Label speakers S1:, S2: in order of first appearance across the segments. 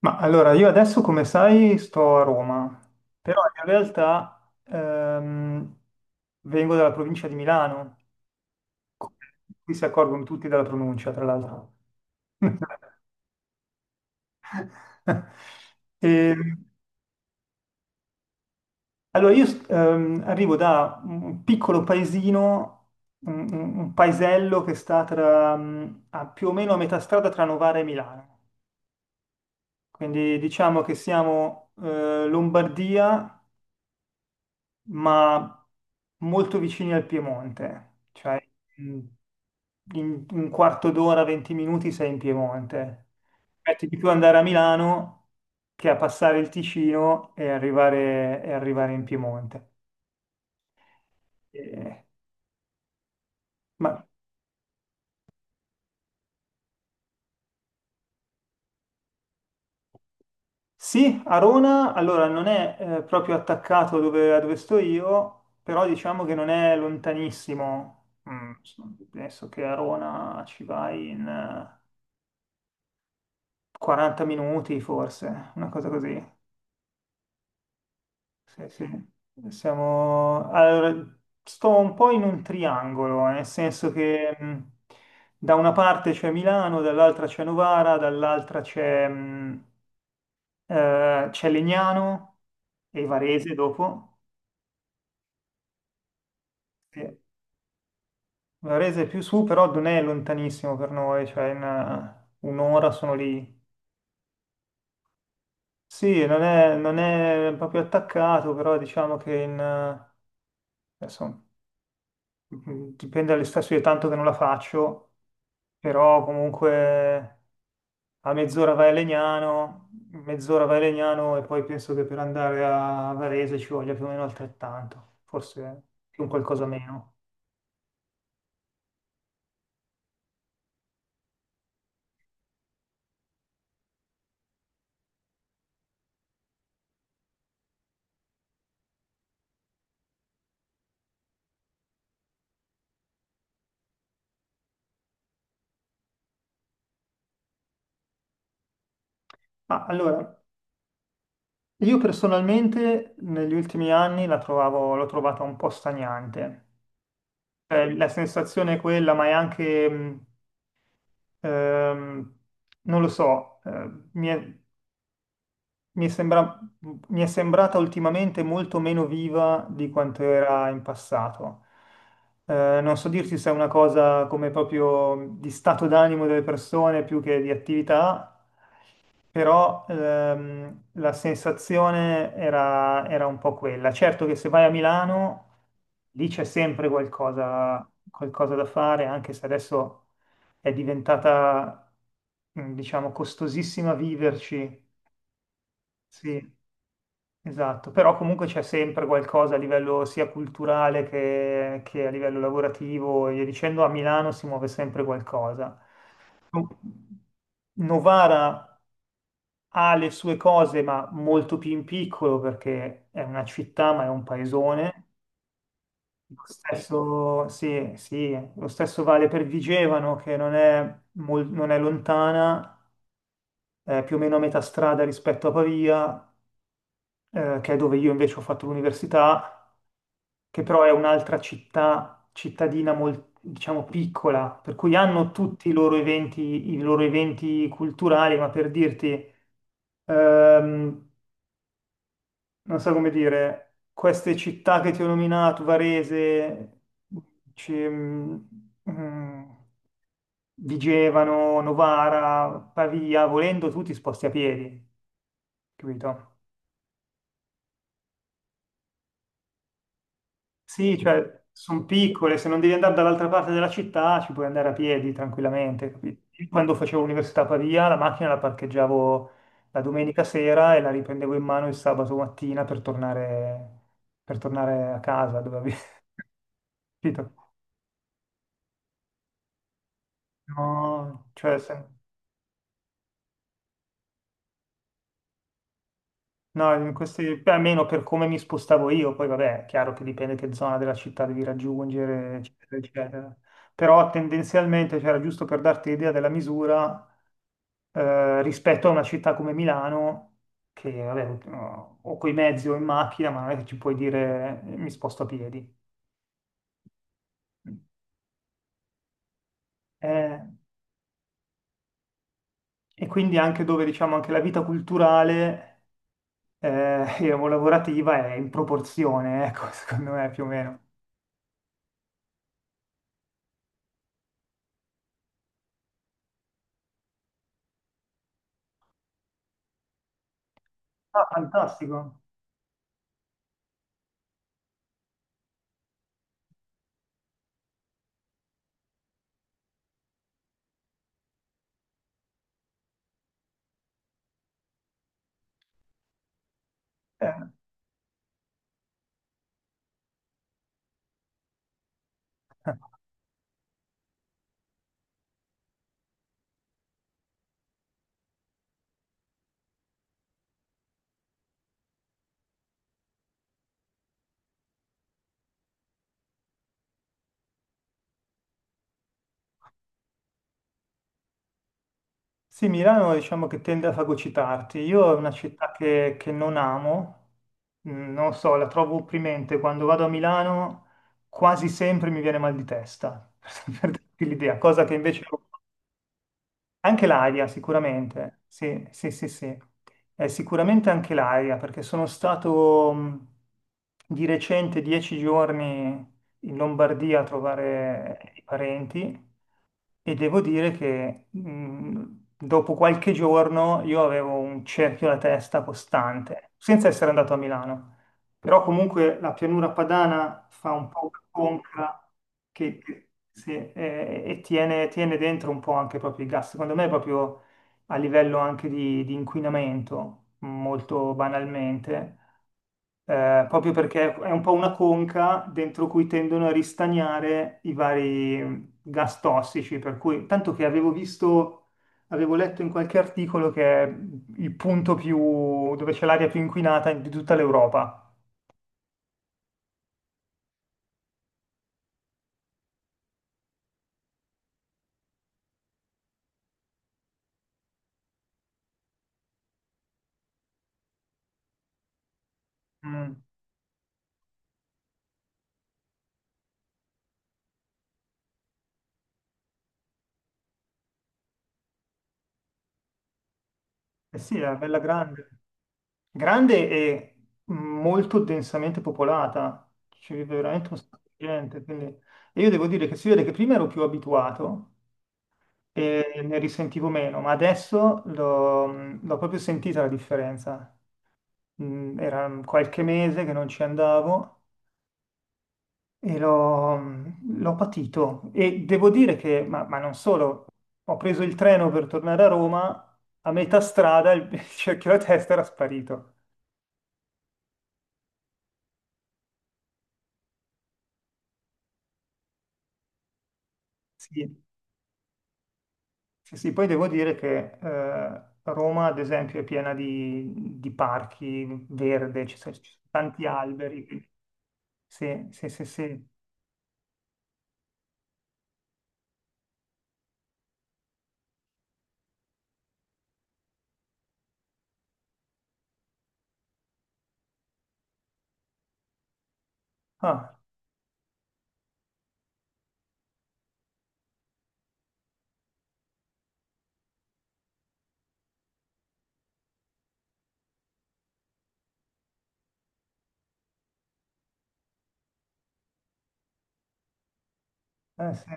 S1: Ma allora, io adesso, come sai, sto a Roma, però in realtà vengo dalla provincia di Milano, come qui si accorgono tutti della pronuncia, tra l'altro. E, allora, io arrivo da un piccolo paesino, un paesello che sta tra, a più o meno a metà strada tra Novara e Milano, quindi diciamo che siamo Lombardia, ma molto vicini al Piemonte, cioè in in un quarto d'ora, 20 minuti sei in Piemonte. Metti di più andare a Milano che a passare il Ticino e arrivare in Piemonte. Eh, ma sì, Arona allora non è proprio attaccato a dove sto io, però diciamo che non è lontanissimo. Mm, adesso che Arona ci vai in... 40 minuti forse, una cosa così. Sì, sì. Siamo... Allora, sto un po' in un triangolo, nel senso che da una parte c'è Milano, dall'altra c'è Novara, dall'altra c'è c'è Legnano e Varese dopo. Sì. Varese è più su, però non è lontanissimo per noi, cioè in un'ora sono lì. Sì, non è proprio attaccato, però diciamo che in, adesso Mm, dipende dalle stazioni, tanto che non la faccio, però comunque a mezz'ora vai a Legnano, mezz'ora vai a Legnano e poi penso che per andare a Varese ci voglia più o meno altrettanto, forse più un qualcosa meno. Ma allora, io personalmente negli ultimi anni l'ho trovata un po' stagnante. La sensazione è quella, ma è anche, ehm, non lo so, Mi sembra, mi è sembrata ultimamente molto meno viva di quanto era in passato. Non so dirti se è una cosa come proprio di stato d'animo delle persone più che di attività, però la sensazione era un po' quella. Certo che se vai a Milano, lì c'è sempre qualcosa, qualcosa da fare, anche se adesso è diventata, diciamo, costosissima viverci. Sì. Esatto, però comunque c'è sempre qualcosa a livello sia culturale che a livello lavorativo, e via dicendo, a Milano si muove sempre qualcosa. No- Novara ha le sue cose, ma molto più in piccolo perché è una città, ma è un paesone. Lo stesso, sì, sì, lo stesso vale per Vigevano, che non è lontana, è più o meno a metà strada rispetto a Pavia, che è dove io invece ho fatto l'università, che però è un'altra città, cittadina molto, diciamo, piccola, per cui hanno tutti i loro eventi culturali, ma per dirti, ehm, non so come dire, queste città che ti ho nominato, Varese, ci- mm, mm, Vigevano, Novara, Pavia, volendo tu ti sposti a piedi, capito? Sì, cioè sono piccole, se non devi andare dall'altra parte della città ci puoi andare a piedi tranquillamente. Capito? Io quando facevo l'università a Pavia, la macchina la parcheggiavo la domenica sera e la riprendevo in mano il sabato mattina per tornare a casa dove avevo capito? No, cioè, se- no, in questi, beh, almeno per come mi spostavo io, poi vabbè, è chiaro che dipende che zona della città devi raggiungere, eccetera, eccetera. Però tendenzialmente, cioè, era giusto per darti l'idea della misura, rispetto a una città come Milano, che vabbè, o coi mezzi o in macchina, ma non è che ci puoi dire mi sposto a piedi. Eh, e quindi anche dove diciamo anche la vita culturale e lavorativa è in proporzione, ecco, secondo me più o meno. Ah, fantastico. Sì, Milano diciamo che tende a fagocitarti. Io è una città che non amo. Mm, non so, la trovo opprimente. Quando vado a Milano quasi sempre mi viene mal di testa, per darti l'idea, cosa che invece... Anche l'aria, sicuramente, sì, sì, sì, sì. Sicuramente anche l'aria, perché sono stato di recente 10 giorni in Lombardia a trovare i parenti e devo dire che dopo qualche giorno io avevo un cerchio alla testa costante, senza essere andato a Milano. Però comunque la pianura padana fa un po' una conca sì, e tiene dentro un po' anche proprio i gas. Secondo me proprio a livello anche di inquinamento, molto banalmente, proprio perché è un po' una conca dentro cui tendono a ristagnare i vari gas tossici, per cui tanto che avevo visto, avevo letto in qualche articolo che è il punto più dove c'è l'aria più inquinata di tutta l'Europa. Mm. Eh sì, è bella grande. Grande e molto densamente popolata. Ci vive veramente un sacco di gente, quindi... E io devo dire che si vede che prima ero più abituato e ne risentivo meno, ma adesso l'ho proprio sentita la differenza. Mm, era qualche mese che non ci andavo e l'ho patito. E devo dire che, ma non solo, ho preso il treno per tornare a Roma, a metà strada il cerchio alla testa era sparito. Sì, sì, sì, poi devo dire che Roma, ad esempio, è piena di parchi verde, ci sono tanti alberi, quindi... Sì, sì, sì, sì. Ah, sì.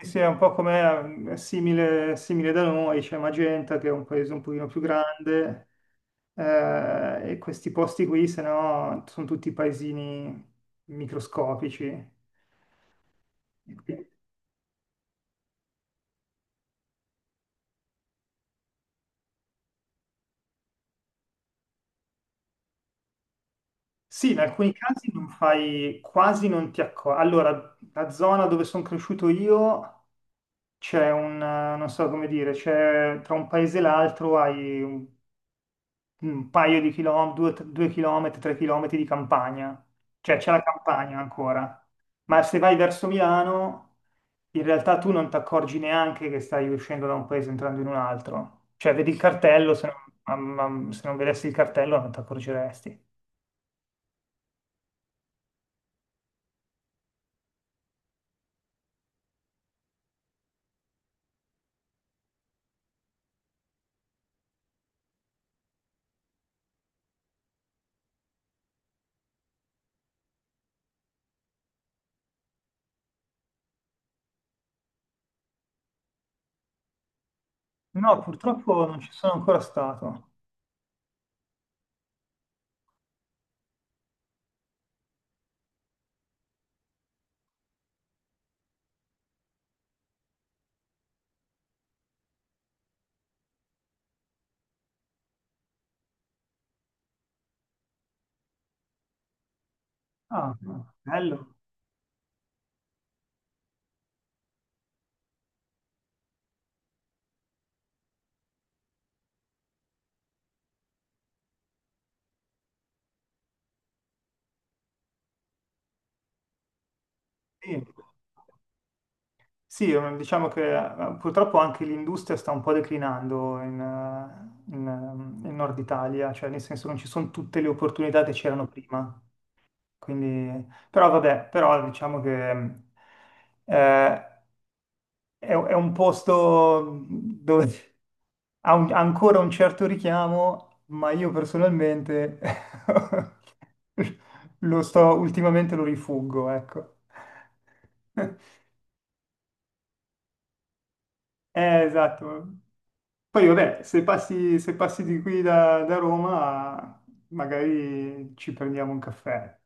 S1: Sì, sì, è un po' come è simile, simile da noi, c'è Magenta che è un paese un pochino più grande. E questi posti qui, se no, sono tutti paesini microscopici. E quindi... Sì, in alcuni casi non fai, quasi non ti accorgi. Allora, la zona dove sono cresciuto io c'è un, non so come dire, c'è tra un paese e l'altro hai un paio di chilometri, 2 chilometri, 3 chilometri di campagna, cioè c'è la campagna ancora. Ma se vai verso Milano, in realtà tu non ti accorgi neanche che stai uscendo da un paese e entrando in un altro. Cioè, vedi il cartello, se non, ma- se non vedessi il cartello non ti accorgeresti. No, purtroppo non ci sono ancora stato. Ah, no, bello. Sì. Sì, diciamo che purtroppo anche l'industria sta un po' declinando in Nord Italia, cioè nel senso non ci sono tutte le opportunità che c'erano prima. Quindi, però vabbè, però diciamo che eh, è un posto dove ha ancora un certo richiamo, ma io personalmente ultimamente lo rifuggo, ecco. Esatto. Poi vabbè, se passi di qui da Roma, magari ci prendiamo un caffè.